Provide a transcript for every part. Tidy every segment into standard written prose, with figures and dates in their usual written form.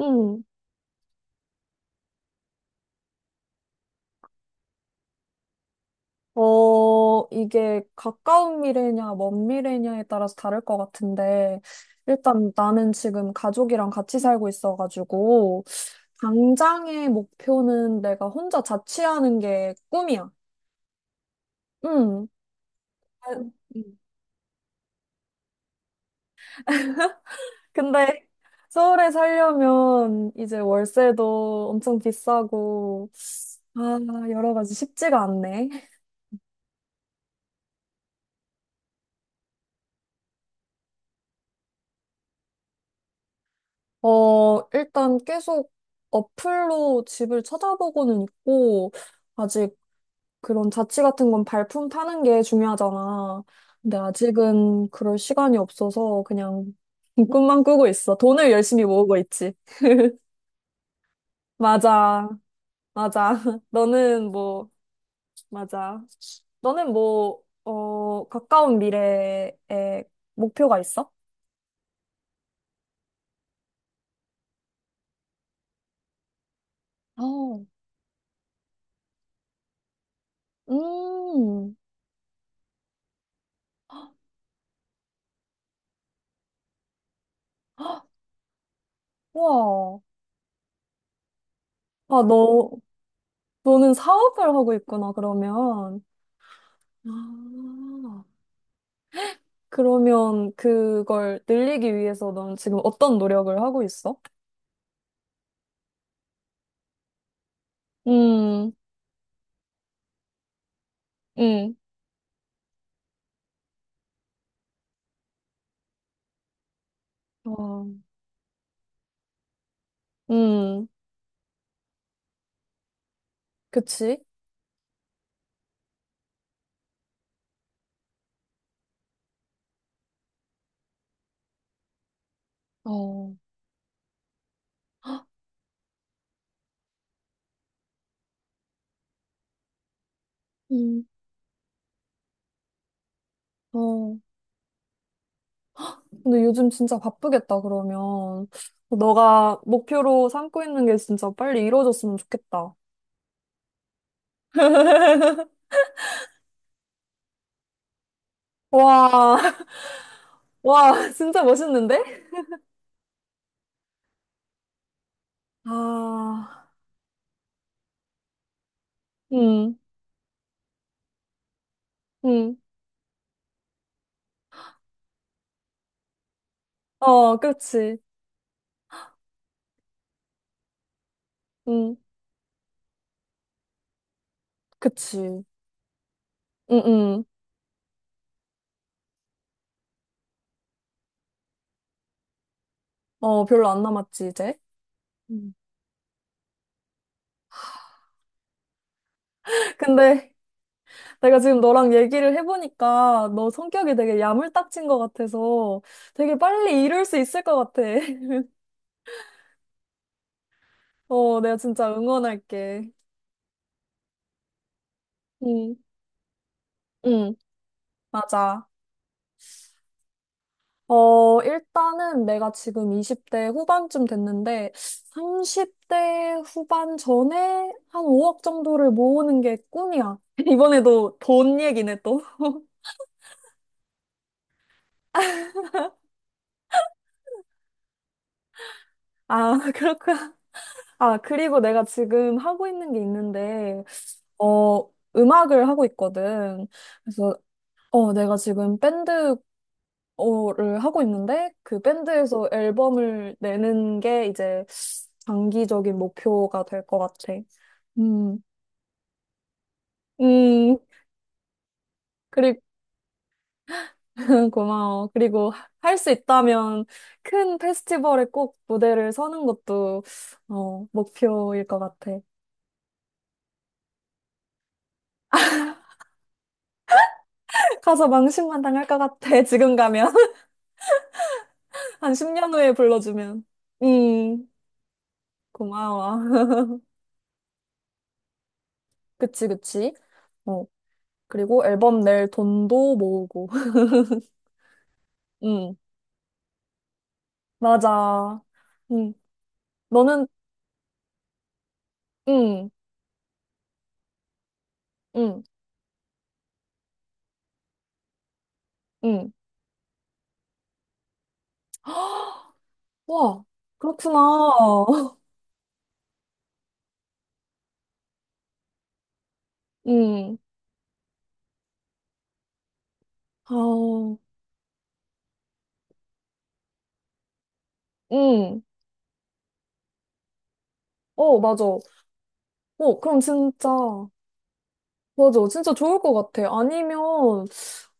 음. 이게 가까운 미래냐, 먼 미래냐에 따라서 다를 것 같은데, 일단 나는 지금 가족이랑 같이 살고 있어가지고, 당장의 목표는 내가 혼자 자취하는 게 꿈이야. 음. 음. 근데 서울에 살려면 이제 월세도 엄청 비싸고, 아, 여러 가지 쉽지가 않네. 일단 계속 어플로 집을 찾아보고는 있고, 아직 그런 자취 같은 건 발품 파는 게 중요하잖아. 근데 아직은 그럴 시간이 없어서 그냥 꿈만 꾸고 있어. 돈을 열심히 모으고 있지. 맞아, 맞아. 너는 뭐, 맞아. 너는 뭐, 가까운 미래에 목표가 있어? 어, 음, 와. 아, 너는 사업을 하고 있구나, 그러면. 아, 그러면 그걸 늘리기 위해서 넌 지금 어떤 노력을 하고 있어? 음, 음, 와, 음, 그치? 어, 음, 어. 근데 요즘 진짜 바쁘겠다, 그러면. 너가 목표로 삼고 있는 게 진짜 빨리 이루어졌으면 좋겠다. 와, 와, 진짜 멋있는데? 아, 음, 음, 어, 그렇지 그치. 응응. 어, 별로 안 남았지, 이제. 음. 근데 내가 지금 너랑 얘기를 해보니까 너 성격이 되게 야물딱진 것 같아서 되게 빨리 이룰 수 있을 것 같아. 어, 내가 진짜 응원할게. 응, 응, 맞아. 어, 일단은 내가 지금 20대 후반쯤 됐는데 30대 후반 전에 한 5억 정도를 모으는 게 꿈이야. 이번에도 돈 얘기네 또. 아, 그렇구나. 아, 그리고 내가 지금 하고 있는 게 있는데, 어, 음악을 하고 있거든. 그래서, 내가 지금 밴드, 어를 하고 있는데, 그 밴드에서 앨범을 내는 게 이제 장기적인 목표가 될 것 같아. 음, 음, 그리고, 고마워. 그리고 할 수 있다면 큰 페스티벌에 꼭 무대를 서는 것도, 목표일 것 같아. 가서 망신만 당할 것 같아, 지금 가면. 한 10년 후에 불러주면. 음, 고마워. 그치, 그치. 어, 그리고 앨범 낼 돈도 모으고. 음, 맞아. 응. 너는, 음, 음, 음, 와, 그렇구나. 음, 아, 음. 어, 맞아. 어, 그럼 진짜, 맞아. 진짜 좋을 것 같아. 아니면,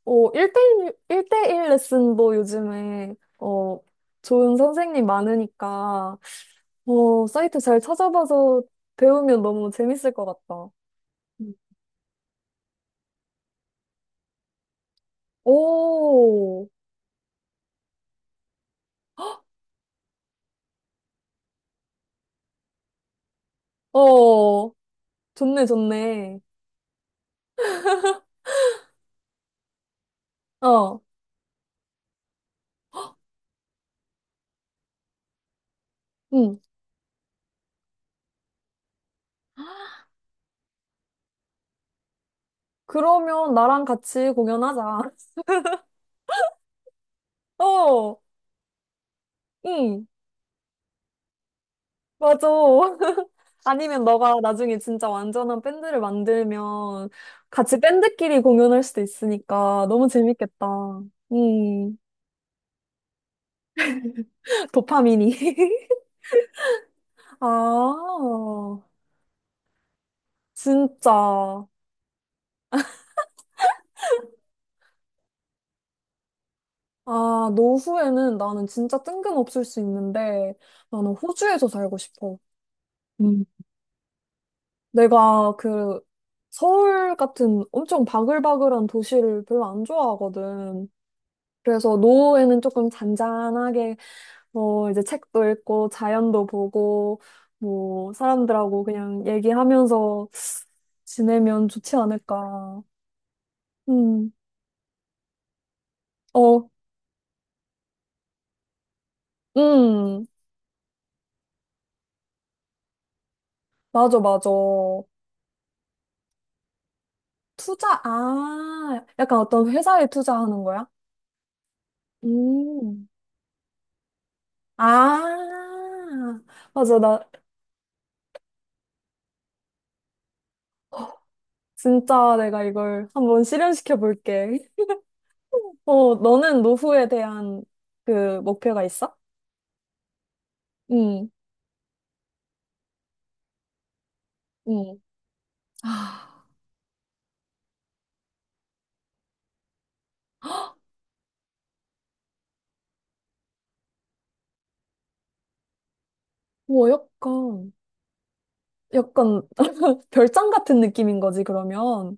1대1, 일대일 레슨도 요즘에, 좋은 선생님 많으니까, 사이트 잘 찾아봐서 배우면 너무 재밌을 것 같다. 음. 오, 어, 좋네, 좋네. 어, 응. 그러면 나랑 같이 공연하자. 어, 응, 맞아. 아니면 너가 나중에 진짜 완전한 밴드를 만들면 같이 밴드끼리 공연할 수도 있으니까 너무 재밌겠다. 음, 도파민이. 아, 진짜. 아, 노후에는 나는 진짜 뜬금없을 수 있는데 나는 호주에서 살고 싶어. 음. 내가 그 서울 같은 엄청 바글바글한 도시를 별로 안 좋아하거든. 그래서 노후에는 조금 잔잔하게 뭐 이제 책도 읽고 자연도 보고 뭐 사람들하고 그냥 얘기하면서 지내면 좋지 않을까. 음, 어, 음, 맞아, 맞아. 아, 약간 어떤 회사에 투자하는 거야? 음. 아, 맞아. 나 진짜 내가 이걸 한번 실현시켜 볼게. 어, 너는 노후에 대한 그 목표가 있어? 응, 응. 아, 뭐 약간, 약간 별장 같은 느낌인 거지, 그러면.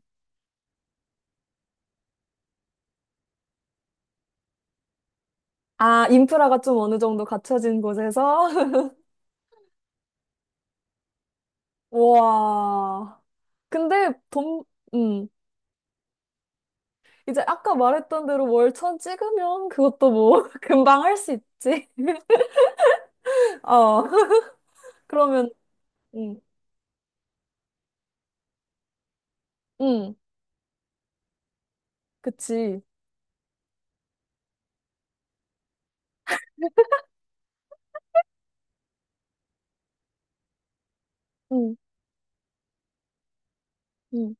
아, 인프라가 좀 어느 정도 갖춰진 곳에서. 와. 근데 돈, 응. 이제 아까 말했던 대로 월천 찍으면 그것도 뭐 금방 할 수 있지. 어. 그러면 응. 응. 그치. 응. 응.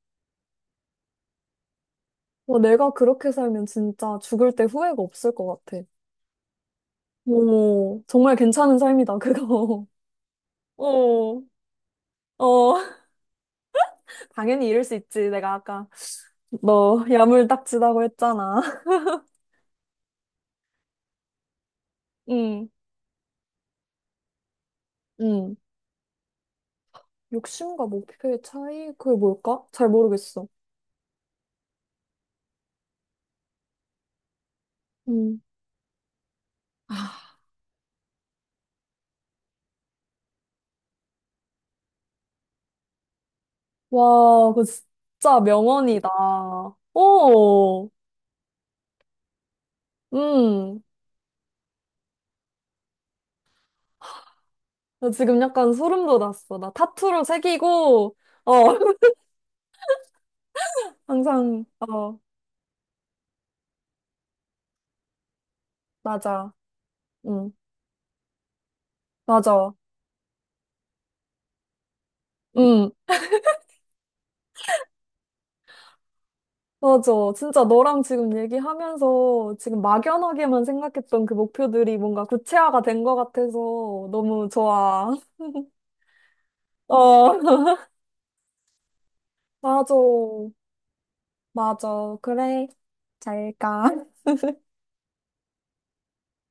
뭐 내가 그렇게 살면 진짜 죽을 때 후회가 없을 것 같아. 오, 정말 괜찮은 삶이다, 그거. 어. 어. 당연히 이럴 수 있지. 내가 아까 너 야물딱지다고 했잖아. 응. 응. 욕심과 목표의 차이? 그게 뭘까? 잘 모르겠어. 응. 와, 그거 진짜 명언이다. 오, 음. 나 지금 약간 소름 돋았어. 나 타투로 새기고, 어, 항상, 맞아. 응, 맞아. 응, 맞아. 진짜 너랑 지금 얘기하면서 지금 막연하게만 생각했던 그 목표들이 뭔가 구체화가 된 것 같아서 너무 좋아. 어, 맞아. 맞아. 그래. 잘 가.